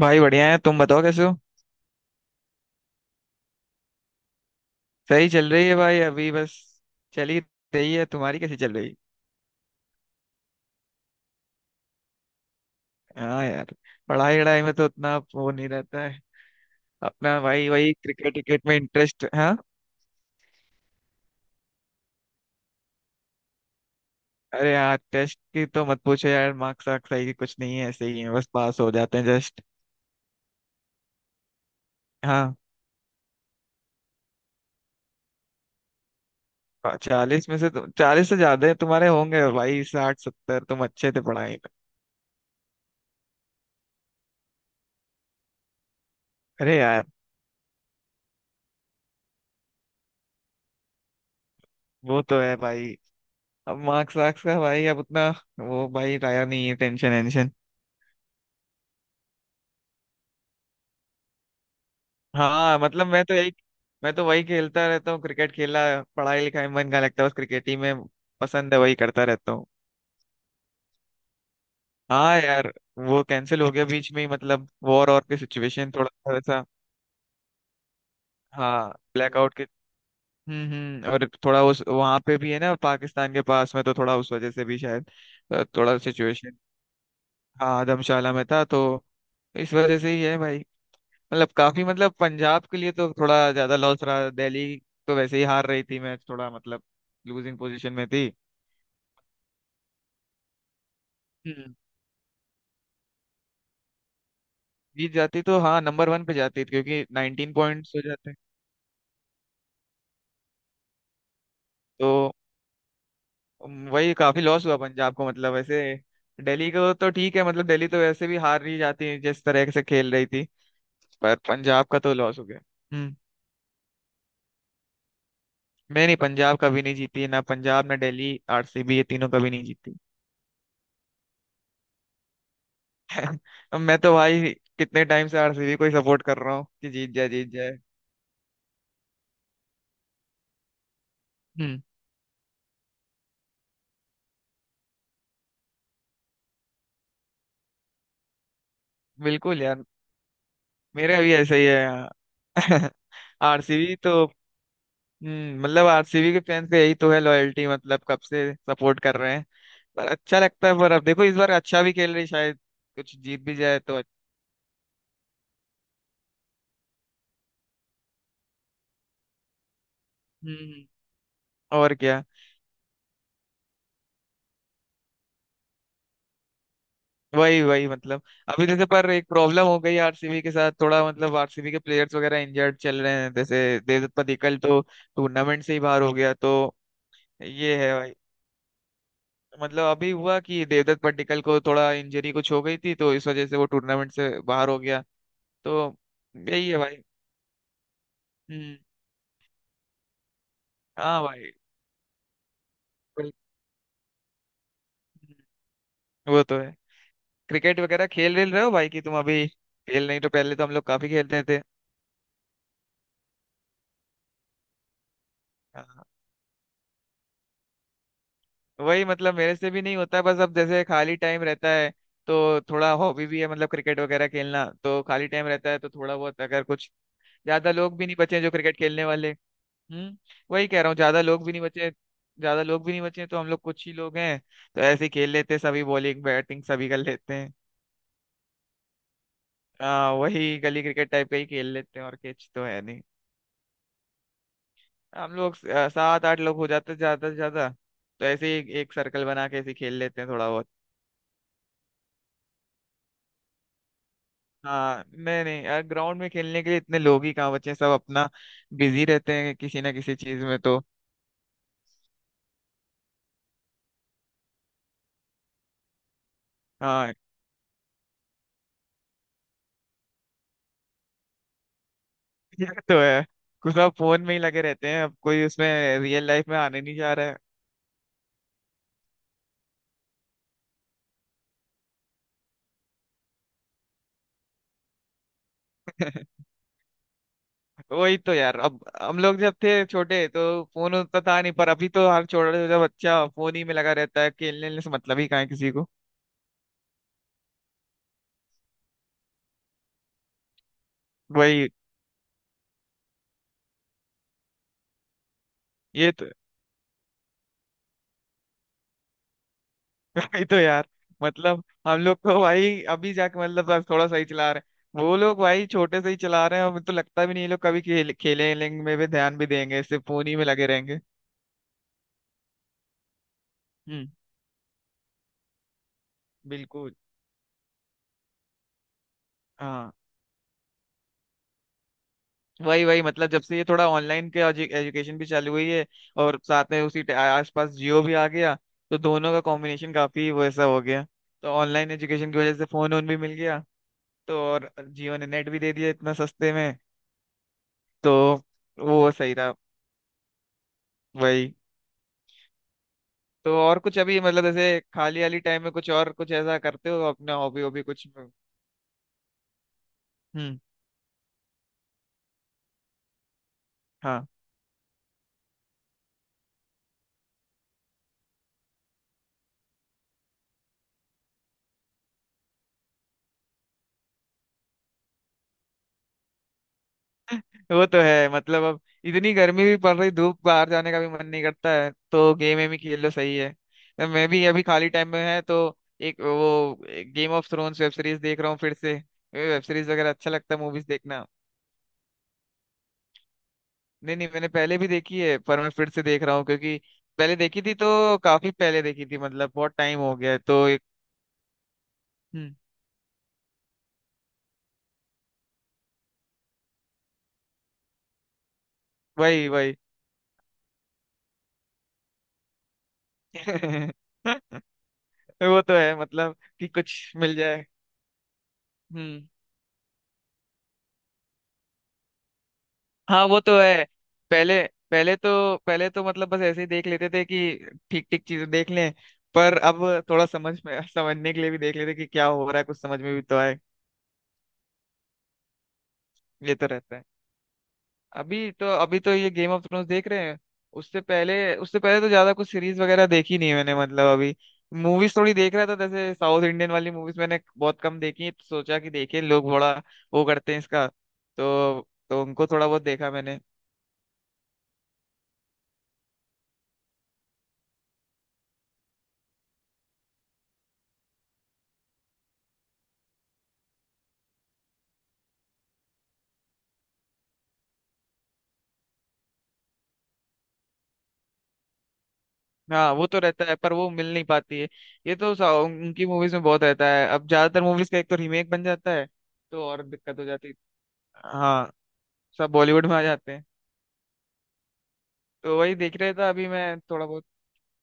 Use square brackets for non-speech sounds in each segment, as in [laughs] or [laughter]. भाई बढ़िया है। तुम बताओ कैसे हो। सही चल रही है भाई, अभी बस चल ही रही है। तुम्हारी कैसी चल रही है। हाँ यार, पढ़ाई वढ़ाई में तो उतना वो नहीं रहता है। अपना भाई वही क्रिकेट क्रिकेट में इंटरेस्ट, हाँ। अरे यार, टेस्ट की तो मत पूछो यार। मार्क्स वार्क्स सही कुछ नहीं है, ऐसे ही है, बस पास हो जाते हैं जस्ट। हाँ, 40 में से तो 40 से ज्यादा है, तुम्हारे होंगे भाई, 60 70। तुम अच्छे थे पढ़ाई में। अरे यार, वो तो है भाई। अब मार्क्स वार्क्स का भाई अब उतना वो भाई लाया नहीं है, टेंशन वेंशन। हाँ मतलब मैं तो वही खेलता रहता हूँ, क्रिकेट खेला। पढ़ाई लिखाई में मन का लगता है, बस क्रिकेट ही में पसंद है, वही करता रहता हूँ। हाँ यार, वो कैंसिल हो गया बीच में ही। मतलब वॉर और की सिचुएशन थोड़ा सा वैसा। हाँ ब्लैकआउट के, हम्म। और थोड़ा उस वहां पे भी है ना पाकिस्तान के पास में, तो थोड़ा उस वजह से भी शायद। थोड़ा सिचुएशन। हाँ, धर्मशाला में था, तो इस वजह से ही है भाई। मतलब काफी मतलब पंजाब के लिए तो थोड़ा ज्यादा लॉस रहा। दिल्ली तो वैसे ही हार रही थी मैच, थोड़ा मतलब लूजिंग पोजीशन में थी। हम्म। जीत जाती तो हाँ नंबर वन पे जाती, क्योंकि 19 पॉइंट्स हो जाते हैं। तो वही काफी लॉस हुआ पंजाब को। मतलब वैसे दिल्ली को तो ठीक है, मतलब दिल्ली तो वैसे भी हार नहीं जाती है जिस तरह से खेल रही थी। पर पंजाब का तो लॉस हो गया। हम्म। मैं नहीं, पंजाब कभी नहीं जीती, ना पंजाब ना दिल्ली आरसीबी, ये तीनों कभी नहीं जीती। अब मैं तो भाई कितने टाइम से आरसीबी को ही सपोर्ट कर रहा हूँ कि जीत जाए जीत जाए। हम्म। बिल्कुल यार। मेरा भी ऐसा ही है यार। [laughs] आरसीबी तो, मतलब आरसीबी के फैंस का यही तो है लॉयल्टी, मतलब कब से सपोर्ट कर रहे हैं। पर अच्छा लगता है। पर अब देखो इस बार अच्छा भी खेल रही है, शायद कुछ जीत भी जाए तो हम्म। और क्या। वही वही मतलब अभी जैसे। पर एक प्रॉब्लम हो गई आरसीबी के साथ, थोड़ा मतलब आरसीबी के प्लेयर्स वगैरह इंजर्ड चल रहे हैं, जैसे देवदत्त पडिक्कल तो टूर्नामेंट से ही बाहर हो गया तो। ये है, मतलब अभी हुआ कि देवदत्त पड्डीकल को थोड़ा इंजरी कुछ हो गई थी, तो इस वजह से वो टूर्नामेंट से बाहर हो गया तो। यही है भाई। हम्म। हाँ भाई। बिल- हम्म, वो तो है। क्रिकेट वगैरह खेल रेल रहे हो भाई, कि तुम अभी खेल नहीं। तो पहले तो हम लोग काफी खेलते थे। हाँ, वही मतलब मेरे से भी नहीं होता। बस अब जैसे खाली टाइम रहता है, तो थोड़ा हॉबी भी है मतलब क्रिकेट वगैरह खेलना। तो खाली टाइम रहता है तो थोड़ा बहुत अगर कुछ। ज्यादा लोग भी नहीं बचे हैं जो क्रिकेट खेलने वाले। हम्म। वही कह रहा हूँ, ज्यादा लोग भी नहीं बचे। ज्यादा लोग भी नहीं बचे हैं, तो हम लोग कुछ ही लोग हैं, तो ऐसे ही खेल लेते हैं। सभी बॉलिंग बैटिंग सभी कर लेते हैं। हाँ वही गली क्रिकेट टाइप का ही खेल लेते हैं, और किच तो है नहीं। हम लोग 7 8 लोग हो जाते हैं ज्यादा से ज्यादा। तो ऐसे ही एक सर्कल बना के ऐसे ही खेल लेते हैं थोड़ा बहुत। हाँ नहीं नहीं, ग्राउंड में खेलने के लिए इतने लोग ही कहाँ बचे हैं। सब अपना बिजी रहते हैं किसी ना किसी चीज में तो। हाँ। [laughs] ये तो है। कुछ सब फोन में ही लगे रहते हैं, अब कोई उसमें रियल लाइफ में आने नहीं जा रहा है। [laughs] वही तो यार, अब हम लोग जब थे छोटे तो फोन उतना था नहीं। पर अभी तो हर छोटा छोटा बच्चा फोन ही में लगा रहता है। खेलने वेलने से मतलब ही कहाँ है किसी को। वही। ये तो। [laughs] वही तो यार, मतलब हम लोग को भाई अभी जाके मतलब अब थोड़ा सही चला रहे हैं। वो लोग भाई छोटे से ही चला रहे हैं। अब तो लगता भी नहीं ये लोग कभी खेलेंगे में भी ध्यान भी देंगे, सिर्फ फोन ही में लगे रहेंगे। हम्म। बिल्कुल। हाँ वही वही, मतलब जब से ये थोड़ा ऑनलाइन के एजुकेशन भी चालू हुई है, और साथ में आसपास जियो भी आ गया, तो दोनों का कॉम्बिनेशन काफी वैसा हो गया। तो ऑनलाइन एजुकेशन की वजह से फोन ओन भी मिल गया, तो और जियो ने नेट भी दे दिया इतना सस्ते में। तो वो सही रहा। वही। तो और कुछ अभी मतलब ऐसे खाली वाली टाइम में कुछ और कुछ ऐसा करते हो अपना हॉबी हॉबी कुछ। हम्म। हाँ वो तो है मतलब। अब इतनी गर्मी भी पड़ रही, धूप बाहर जाने का भी मन नहीं करता है, तो गेम में ही खेल लो सही है। तो मैं भी अभी खाली टाइम में है तो एक वो Game of Thrones web series देख रहा हूँ फिर से। वेब सीरीज वगैरह अच्छा लगता है, मूवीज देखना। नहीं नहीं, मैंने पहले भी देखी है, पर मैं फिर से देख रहा हूँ क्योंकि पहले देखी थी तो काफी पहले देखी थी, मतलब बहुत टाइम हो गया है, तो एक। हम्म, वही वही। [laughs] वो तो है मतलब कि कुछ मिल जाए। हम्म। हाँ वो तो है। पहले पहले तो पहले तो मतलब बस ऐसे ही देख लेते थे, कि ठीक ठीक चीजें देख लें। पर अब थोड़ा समझ में समझने के लिए भी देख लेते कि क्या हो रहा है, कुछ समझ में भी तो आए। ये तो रहता है। अभी तो ये गेम ऑफ थ्रोन्स देख रहे हैं। उससे पहले तो ज्यादा कुछ सीरीज वगैरह देखी नहीं मैंने, मतलब अभी मूवीज थोड़ी देख रहा था। जैसे साउथ इंडियन वाली मूवीज मैंने बहुत कम देखी हैं, तो सोचा कि देखें, लोग बड़ा वो करते हैं इसका तो उनको थोड़ा बहुत देखा मैंने। हाँ वो तो रहता है पर वो मिल नहीं पाती है। उनकी मूवीज में बहुत रहता है, अब ज्यादातर मूवीज का एक तो रीमेक बन जाता है, तो और दिक्कत हो जाती है। हाँ, सब बॉलीवुड में आ जाते हैं। तो वही देख रहे था अभी मैं थोड़ा बहुत।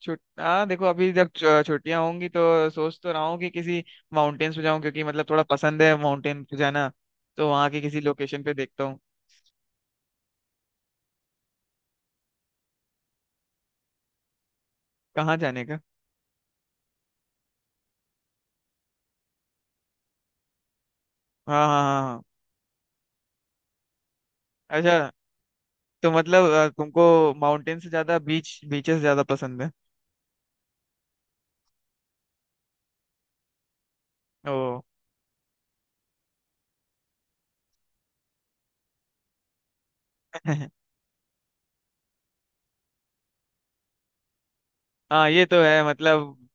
छुट, हाँ देखो अभी जब छुट्टियां होंगी तो सोच तो रहा हूँ कि किसी माउंटेन्स पे जाऊँ, क्योंकि मतलब थोड़ा पसंद है माउंटेन पे जाना। तो वहाँ की किसी लोकेशन पे देखता हूँ। कहाँ जाने का। हाँ हाँ हाँ हाँ। अच्छा, तो मतलब तुमको माउंटेन से ज्यादा बीच बीचेस ज्यादा पसंद है। ओ। [laughs] हाँ ये तो है मतलब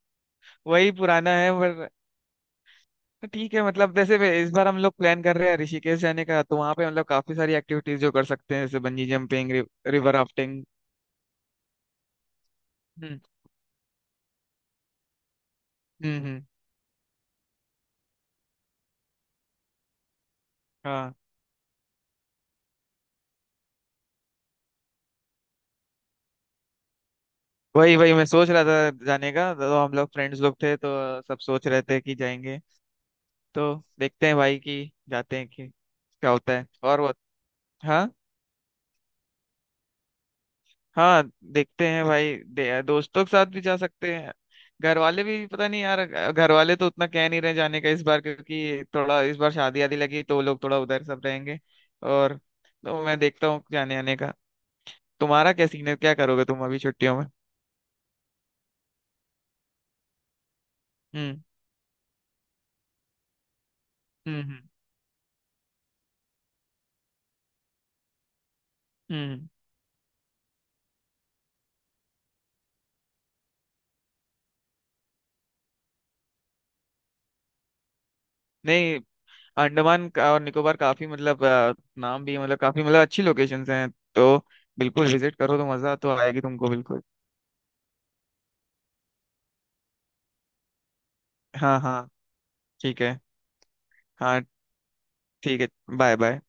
वही पुराना है, पर ठीक है। मतलब जैसे इस बार हम लोग प्लान कर रहे हैं ऋषिकेश जाने का, तो वहाँ पे मतलब काफी सारी एक्टिविटीज जो कर सकते हैं, जैसे बंजी जंपिंग, रिवर राफ्टिंग। हम्म। हम्म हम्म, हाँ वही वही। मैं सोच रहा था जाने का, तो हम लोग फ्रेंड्स लोग थे तो सब सोच रहे थे कि जाएंगे। तो देखते हैं भाई कि जाते हैं कि क्या होता है और वो। हाँ। हाँ देखते हैं भाई, दोस्तों के साथ भी जा सकते हैं। घर वाले भी पता नहीं यार। घर वाले तो उतना कह नहीं रहे जाने का इस बार, क्योंकि थोड़ा इस बार शादी आदि लगी तो वो लोग थोड़ा उधर सब रहेंगे। और तो मैं देखता हूँ जाने आने का। तुम्हारा क्या सीन है, क्या करोगे तुम अभी छुट्टियों में। हम्म। हम्म। हम्म। हम्म। नहीं, अंडमान का और निकोबार काफी मतलब नाम भी है, मतलब काफी मतलब अच्छी लोकेशंस हैं, तो बिल्कुल विजिट करो तो मजा तो आएगी तुमको बिल्कुल। हाँ हाँ। ठीक है। हाँ। ठीक है। Bye bye.